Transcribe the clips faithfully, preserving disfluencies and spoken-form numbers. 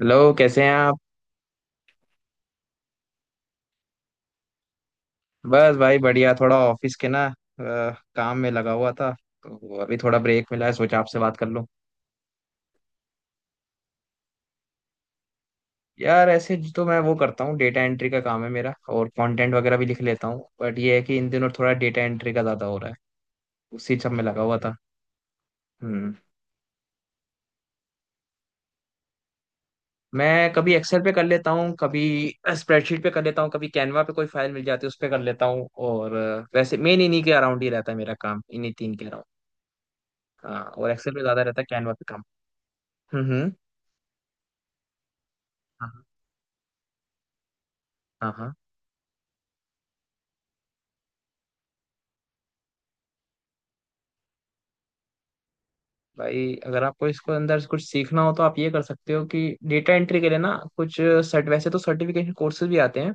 Hello. कैसे हैं आप? बस भाई बढ़िया। थोड़ा ऑफिस के ना अ, काम में लगा हुआ था। तो अभी थोड़ा ब्रेक मिला है, सोचा आपसे बात कर लूं। यार, ऐसे तो मैं वो करता हूँ, डेटा एंट्री का काम है मेरा, और कंटेंट वगैरह भी लिख लेता हूँ। बट ये है कि इन दिनों थोड़ा डेटा एंट्री का ज़्यादा हो रहा है। उसी सब में लगा हुआ था। हम्म। मैं कभी एक्सेल पे कर लेता हूँ, कभी स्प्रेडशीट पे कर लेता हूँ, कभी कैनवा पे कोई फाइल मिल जाती है उस पे कर लेता हूँ। और अ, वैसे मेन इन्हीं के अराउंड ही रहता है मेरा काम, इन्हीं तीन के अराउंड। हाँ, और एक्सेल पे ज़्यादा रहता है, कैनवा पे काम। हम्म, हम्म। हाँ, हाँ, हाँ। भाई, अगर आपको इसको अंदर से कुछ सीखना हो तो आप ये कर सकते हो कि डेटा एंट्री के लिए ना कुछ सर्ट वैसे तो सर्टिफिकेशन कोर्सेज भी आते हैं,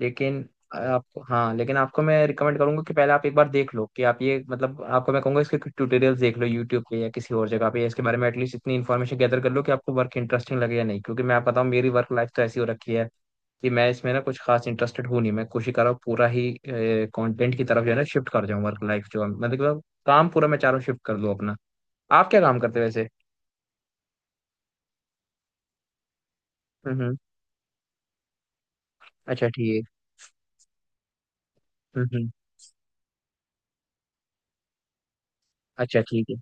लेकिन आपको हाँ लेकिन आपको मैं रिकमेंड करूंगा कि पहले आप एक बार देख लो कि आप ये, मतलब आपको मैं कहूंगा इसके ट्यूटोरियल्स देख लो यूट्यूब पे या किसी और जगह पे, या इसके बारे में एटलीस्ट इतनी इन्फॉर्मेशन गैदर कर लो कि आपको वर्क इंटरेस्टिंग लगे या नहीं। क्योंकि मैं आपको बताऊँ, मेरी वर्क लाइफ तो ऐसी हो रखी है कि मैं इसमें ना कुछ खास इंटरेस्टेड हूँ नहीं। मैं कोशिश कर रहा हूँ पूरा ही कंटेंट की तरफ जो है ना शिफ्ट कर जाऊं। वर्क लाइफ जो, मतलब काम पूरा मैं चारों शिफ्ट कर दूं अपना। आप क्या काम करते हो वैसे? हम्म, हम्म। अच्छा, ठीक है। हम्म। अच्छा, ठीक है।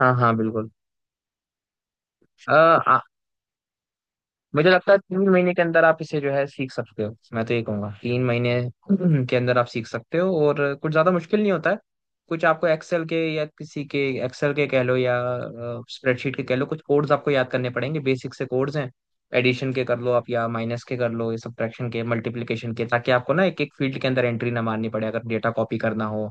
हाँ, हाँ, बिल्कुल। अ, आ, मुझे लगता है तीन महीने के अंदर आप इसे जो है सीख सकते हो। मैं तो ये कहूंगा तीन महीने के अंदर आप सीख सकते हो, और कुछ ज्यादा मुश्किल नहीं होता है। कुछ आपको एक्सेल के या किसी के एक्सेल के कह लो या स्प्रेडशीट के कह लो, कुछ कोड्स आपको याद करने पड़ेंगे, बेसिक से कोड्स हैं। एडिशन के कर लो आप, या माइनस के कर लो, या सब्ट्रैक्शन के, मल्टीप्लिकेशन के, ताकि आपको ना एक एक फील्ड के अंदर एंट्री ना मारनी पड़े अगर डेटा कॉपी करना हो।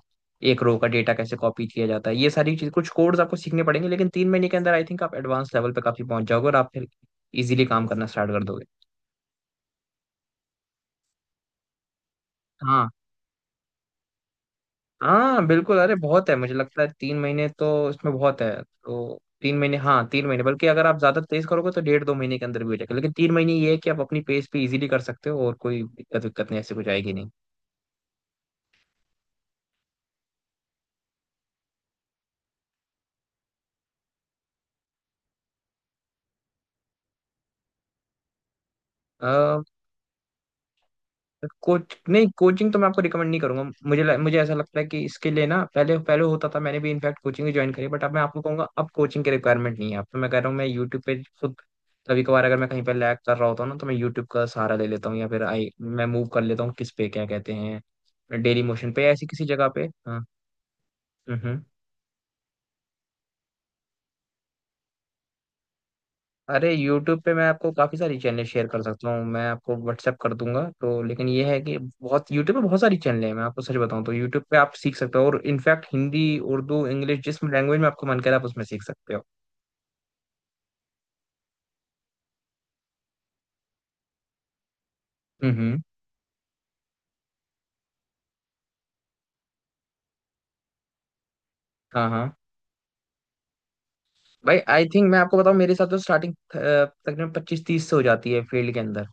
एक रो का डेटा कैसे कॉपी किया जाता है, ये सारी चीज, कुछ कोड्स आपको सीखने पड़ेंगे। लेकिन तीन महीने के अंदर आई थिंक आप एडवांस लेवल पे काफी पहुंच जाओगे और आप फिर इजीली काम करना स्टार्ट कर दोगे। हाँ, हाँ, बिल्कुल। अरे बहुत है, मुझे लगता है तीन महीने तो इसमें बहुत है। तो तीन महीने, हाँ, तीन महीने, बल्कि अगर आप ज्यादा तेज करोगे तो डेढ़ दो महीने के अंदर भी हो जाएगा। लेकिन तीन महीने ये है कि आप अपनी पेस पे इजीली कर सकते हो और कोई दिक्कत विक्कत नहीं ऐसी कुछ आएगी नहीं। अ, कोच नहीं, कोचिंग तो मैं आपको रिकमेंड नहीं करूंगा। मुझे ल- मुझे ऐसा लगता है कि इसके लिए ना, पहले पहले होता था, मैंने भी इनफैक्ट कोचिंग भी ज्वाइन करी। बट अब मैं आपको कहूंगा अब कोचिंग की रिक्वायरमेंट नहीं है। अब तो मैं कह रहा हूँ, मैं यूट्यूब पे खुद कभी कभार अगर मैं कहीं पर लैग कर रहा होता हूँ ना, तो मैं यूट्यूब का सहारा ले लेता हूँ, या फिर आई मैं मूव कर लेता हूँ, किस पे, क्या कहते हैं, डेली मोशन पे, ऐसी किसी जगह पे। हाँ। हम्म, हम्म। अरे यूट्यूब पे मैं आपको काफ़ी सारी चैनल शेयर कर सकता हूँ, मैं आपको व्हाट्सएप कर दूंगा। तो लेकिन ये है कि बहुत, यूट्यूब पे बहुत सारी चैनल है। मैं आपको सच बताऊँ तो यूट्यूब पे आप सीख सकते हो। और इनफैक्ट हिंदी, उर्दू, इंग्लिश, जिस लैंग्वेज में आपको मन करे आप उसमें सीख सकते हो। हम्म। हाँ, हाँ। भाई, आई थिंक, मैं आपको बताऊँ, मेरे साथ तो स्टार्टिंग तकरीबन पच्चीस तीस से हो जाती है फील्ड के अंदर।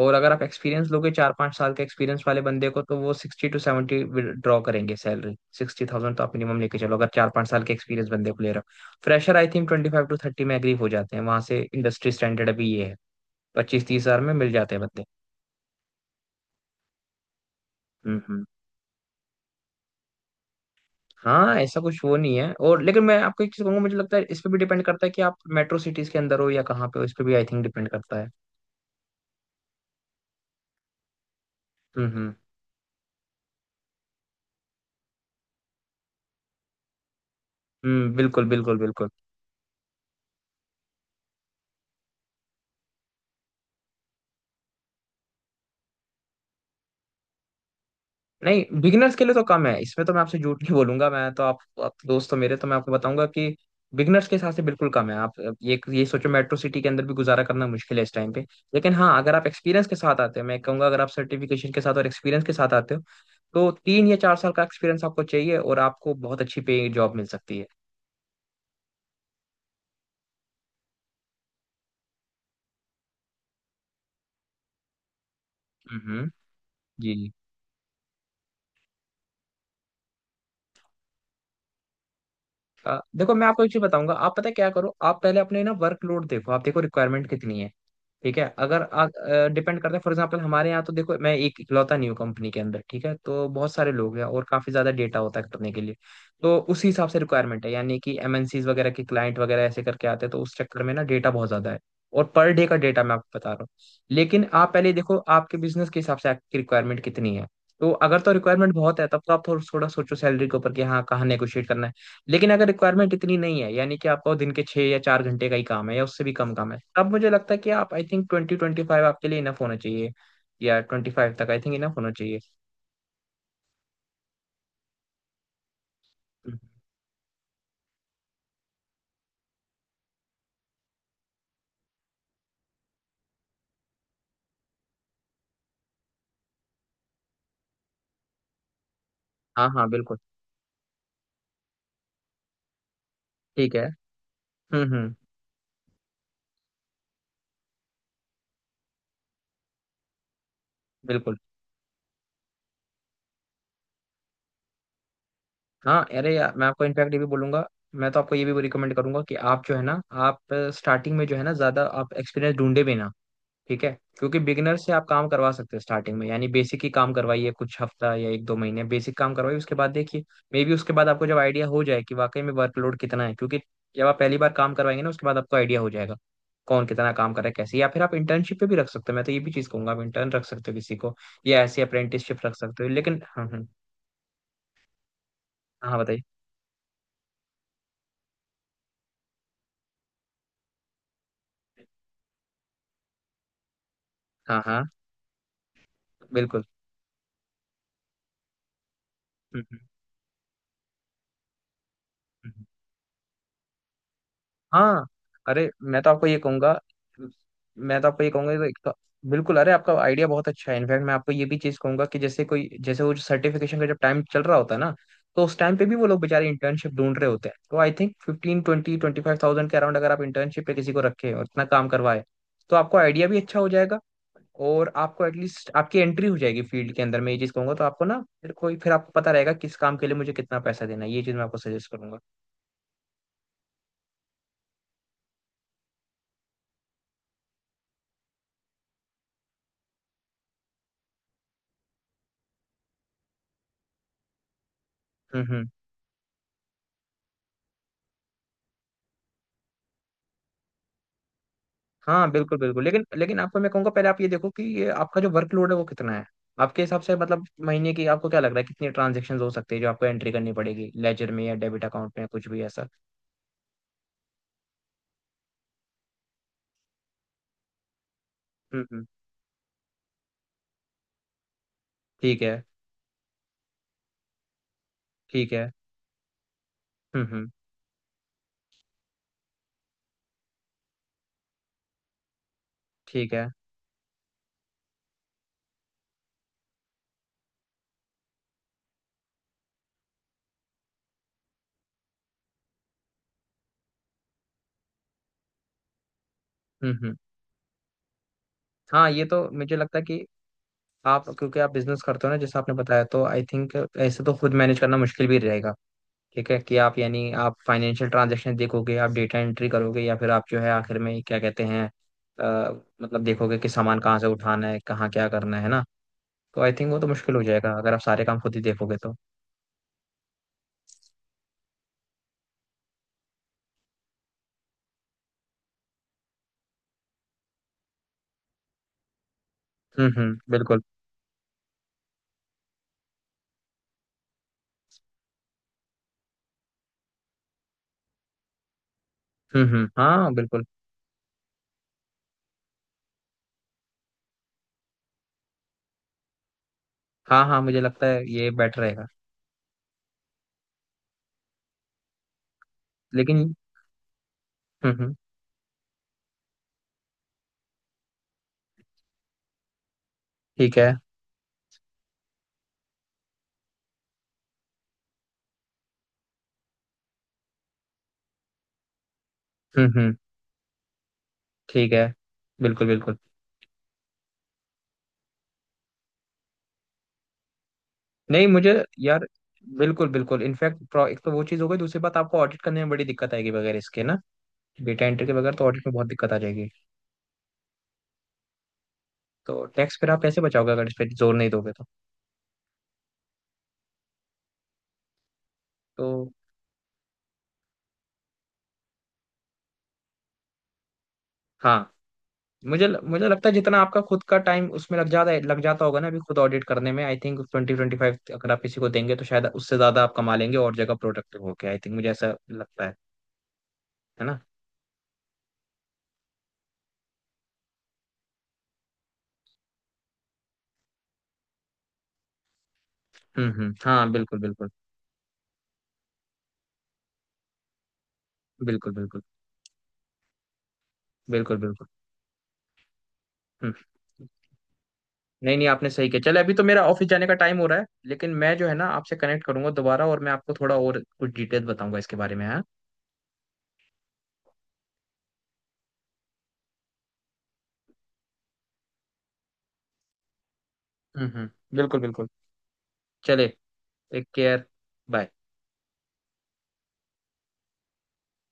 और अगर आप एक्सपीरियंस लोगे, चार पाँच साल के एक्सपीरियंस वाले बंदे को, तो वो सिक्सटी टू सेवेंटी ड्रॉ करेंगे सैलरी, सिक्सटी थाउजेंड तो आप मिनिमम लेके चलो अगर चार पाँच साल के एक्सपीरियंस बंदे को ले रहे हो। Fresher I think twenty five to thirty में एग्री हो जाते हैं, वहां से इंडस्ट्री स्टैंडर्ड अभी ये है। पच्चीस तीस हजार में मिल जाते हैं बंदे। हम्म, हम्म। हाँ, ऐसा कुछ वो नहीं है। और लेकिन मैं आपको एक चीज कहूंगा, मुझे लगता है इस पे भी डिपेंड करता है कि आप मेट्रो सिटीज के अंदर हो या कहाँ पे हो, इस पे भी आई थिंक डिपेंड करता है। हम्म, हम्म। हम्म, बिल्कुल, बिल्कुल, बिल्कुल। नहीं, बिगिनर्स के लिए तो कम है, इसमें तो मैं आपसे झूठ नहीं बोलूंगा। मैं तो आप, आप दोस्त हो मेरे, तो मैं आपको बताऊंगा कि बिगिनर्स के हिसाब से बिल्कुल कम है। आप ये ये सोचो, मेट्रो सिटी के अंदर भी गुजारा करना मुश्किल है इस टाइम पे। लेकिन हाँ, अगर आप एक्सपीरियंस के साथ आते हो, मैं कहूंगा अगर आप सर्टिफिकेशन के साथ और एक्सपीरियंस के साथ आते हो, तो तीन या चार साल का एक्सपीरियंस आपको चाहिए और आपको बहुत अच्छी पे जॉब मिल सकती है। हम्म। जी, जी। अ, देखो मैं आपको एक चीज बताऊंगा। आप, पता है क्या करो, आप पहले अपने ना वर्कलोड देखो, आप देखो रिक्वायरमेंट कितनी है। ठीक है। अगर, डिपेंड करता है, फॉर एग्जांपल हमारे यहाँ तो देखो, मैं एक इकलौता न्यू कंपनी के अंदर, ठीक है, तो बहुत सारे लोग हैं और काफी ज्यादा डेटा होता है करने के लिए। तो उसी हिसाब से रिक्वायरमेंट है, यानी कि एमएनसीज वगैरह के क्लाइंट वगैरह ऐसे करके आते हैं, तो उस चक्कर में ना डेटा बहुत ज्यादा है। और पर डे का डेटा मैं आपको बता रहा हूँ। लेकिन आप पहले देखो आपके बिजनेस के हिसाब से आपकी रिक्वायरमेंट कितनी है। तो अगर तो रिक्वायरमेंट बहुत है, तब तो आप थोड़ा थोड़ा सोचो सैलरी के ऊपर कि हाँ कहाँ नेगोशिएट करना है। लेकिन अगर रिक्वायरमेंट इतनी नहीं है, यानी कि आपका वो दिन के छः या चार घंटे का ही काम है या उससे भी कम काम है, तब मुझे लगता है कि आप, आई थिंक, ट्वेंटी ट्वेंटी फाइव आपके लिए इनफ होना चाहिए। या ट्वेंटी फाइव तक आई थिंक इनफ होना चाहिए। हम्म। हाँ, हाँ, बिल्कुल। ठीक है। हम्म, हम्म, बिल्कुल। हाँ, अरे यार, मैं आपको इनफैक्ट ये भी बोलूंगा। मैं तो आपको ये भी रिकमेंड करूंगा कि आप जो है ना, आप स्टार्टिंग में जो है ना ज्यादा आप एक्सपीरियंस ढूंढे भी ना। ठीक है। क्योंकि बिगिनर से आप काम करवा सकते हैं स्टार्टिंग में, यानी बेसिक ही काम करवाइए, कुछ हफ्ता या एक दो महीने बेसिक काम करवाइए, उसके बाद देखिए। मे बी उसके बाद आपको जब आइडिया हो जाए कि वाकई में वर्कलोड कितना है, क्योंकि जब आप पहली बार काम करवाएंगे ना, उसके बाद आपको आइडिया हो जाएगा कौन कितना काम कर रहा है कैसे, या फिर आप इंटर्नशिप पे भी रख सकते हो। मैं तो ये भी चीज़ कहूंगा, आप इंटर्न रख सकते हो किसी को, या ऐसी अप्रेंटिसशिप रख सकते हो। लेकिन हाँ, हाँ। हाँ, बताइए। हाँ, हाँ, बिल्कुल। हम्म, हम्म, हम्म। हाँ, अरे मैं तो आपको ये कहूंगा मैं तो आपको ये कहूंगा कि, तो बिल्कुल, अरे आपका आइडिया बहुत अच्छा है। इनफैक्ट मैं आपको ये भी चीज कहूंगा कि जैसे कोई, जैसे वो जो सर्टिफिकेशन का जब टाइम चल रहा होता है ना, तो उस टाइम पे भी वो लोग बेचारे इंटर्नशिप ढूंढ रहे होते हैं। तो I think fifteen twenty twenty five thousand के अराउंड अगर आप इंटर्नशिप पे किसी को रखे और इतना काम करवाए, तो आपको आइडिया भी अच्छा हो जाएगा। और आपको एटलीस्ट आपकी एंट्री हो जाएगी फील्ड के अंदर, मैं ये चीज कहूंगा। तो आपको ना फिर कोई, फिर आपको पता रहेगा किस काम के लिए मुझे कितना पैसा देना है, ये चीज मैं आपको सजेस्ट करूंगा। हम्म, हम्म। हाँ, बिल्कुल, बिल्कुल। लेकिन लेकिन आपको मैं कहूंगा पहले आप ये देखो कि ये आपका जो वर्कलोड है वो कितना है। आपके हिसाब से मतलब महीने की, आपको क्या लग रहा है कितनी ट्रांजेक्शन हो सकती है जो आपको एंट्री करनी पड़ेगी, लेजर में या डेबिट अकाउंट में, कुछ भी ऐसा। हम्म, हम्म। ठीक है। ठीक है। हम्म, हम्म। ठीक है। हम्म, हम्म। हाँ, ये तो मुझे लगता है कि आप, क्योंकि आप बिजनेस करते हो ना, जैसे आपने बताया, तो आई थिंक ऐसे तो खुद मैनेज करना मुश्किल भी रहेगा। ठीक है, कि आप यानी आप फाइनेंशियल ट्रांजैक्शन देखोगे, आप डेटा एंट्री करोगे, या फिर आप जो है, आखिर में क्या कहते हैं, अ, मतलब देखोगे कि सामान कहाँ से उठाना है, कहाँ क्या करना है ना। तो आई थिंक वो तो मुश्किल हो जाएगा अगर आप सारे काम खुद ही देखोगे तो। हम्म, हम्म, बिल्कुल। हम्म, हम्म। हाँ, बिल्कुल। हाँ, हाँ, मुझे लगता है ये बेटर रहेगा। लेकिन। हम्म, हम्म। ठीक है। हम्म, हम्म। ठीक है। बिल्कुल, बिल्कुल। नहीं, मुझे, यार, बिल्कुल, बिल्कुल, इनफैक्ट एक तो वो चीज़ हो गई, दूसरी बात आपको ऑडिट करने में बड़ी दिक्कत आएगी वगैरह इसके ना। डेटा एंट्री के बगैर तो ऑडिट में बहुत दिक्कत आ जाएगी। तो टैक्स फिर आप कैसे बचाओगे अगर इस पे जोर नहीं दोगे तो। तो हाँ, मुझे मुझे लगता है जितना आपका खुद का टाइम उसमें लग जाता है, लग जाता होगा ना अभी खुद ऑडिट करने में, I think twenty twenty five अगर आप किसी को देंगे तो शायद उससे ज्यादा आप कमा लेंगे और जगह प्रोडक्टिव होके, आई थिंक मुझे ऐसा लगता है। है ना। हम्म, हम्म। हाँ, बिल्कुल, बिल्कुल। बिल्कुल, बिल्कुल। बिल्कुल, बिल्कुल। हम्म। नहीं, नहीं, आपने सही किया। चले, अभी तो मेरा ऑफिस जाने का टाइम हो रहा है, लेकिन मैं जो है ना आपसे कनेक्ट करूंगा दोबारा, और मैं आपको थोड़ा और कुछ डिटेल बताऊंगा इसके बारे में। हाँ। हम्म, हम्म। बिल्कुल, बिल्कुल। चले। Take care. बाय।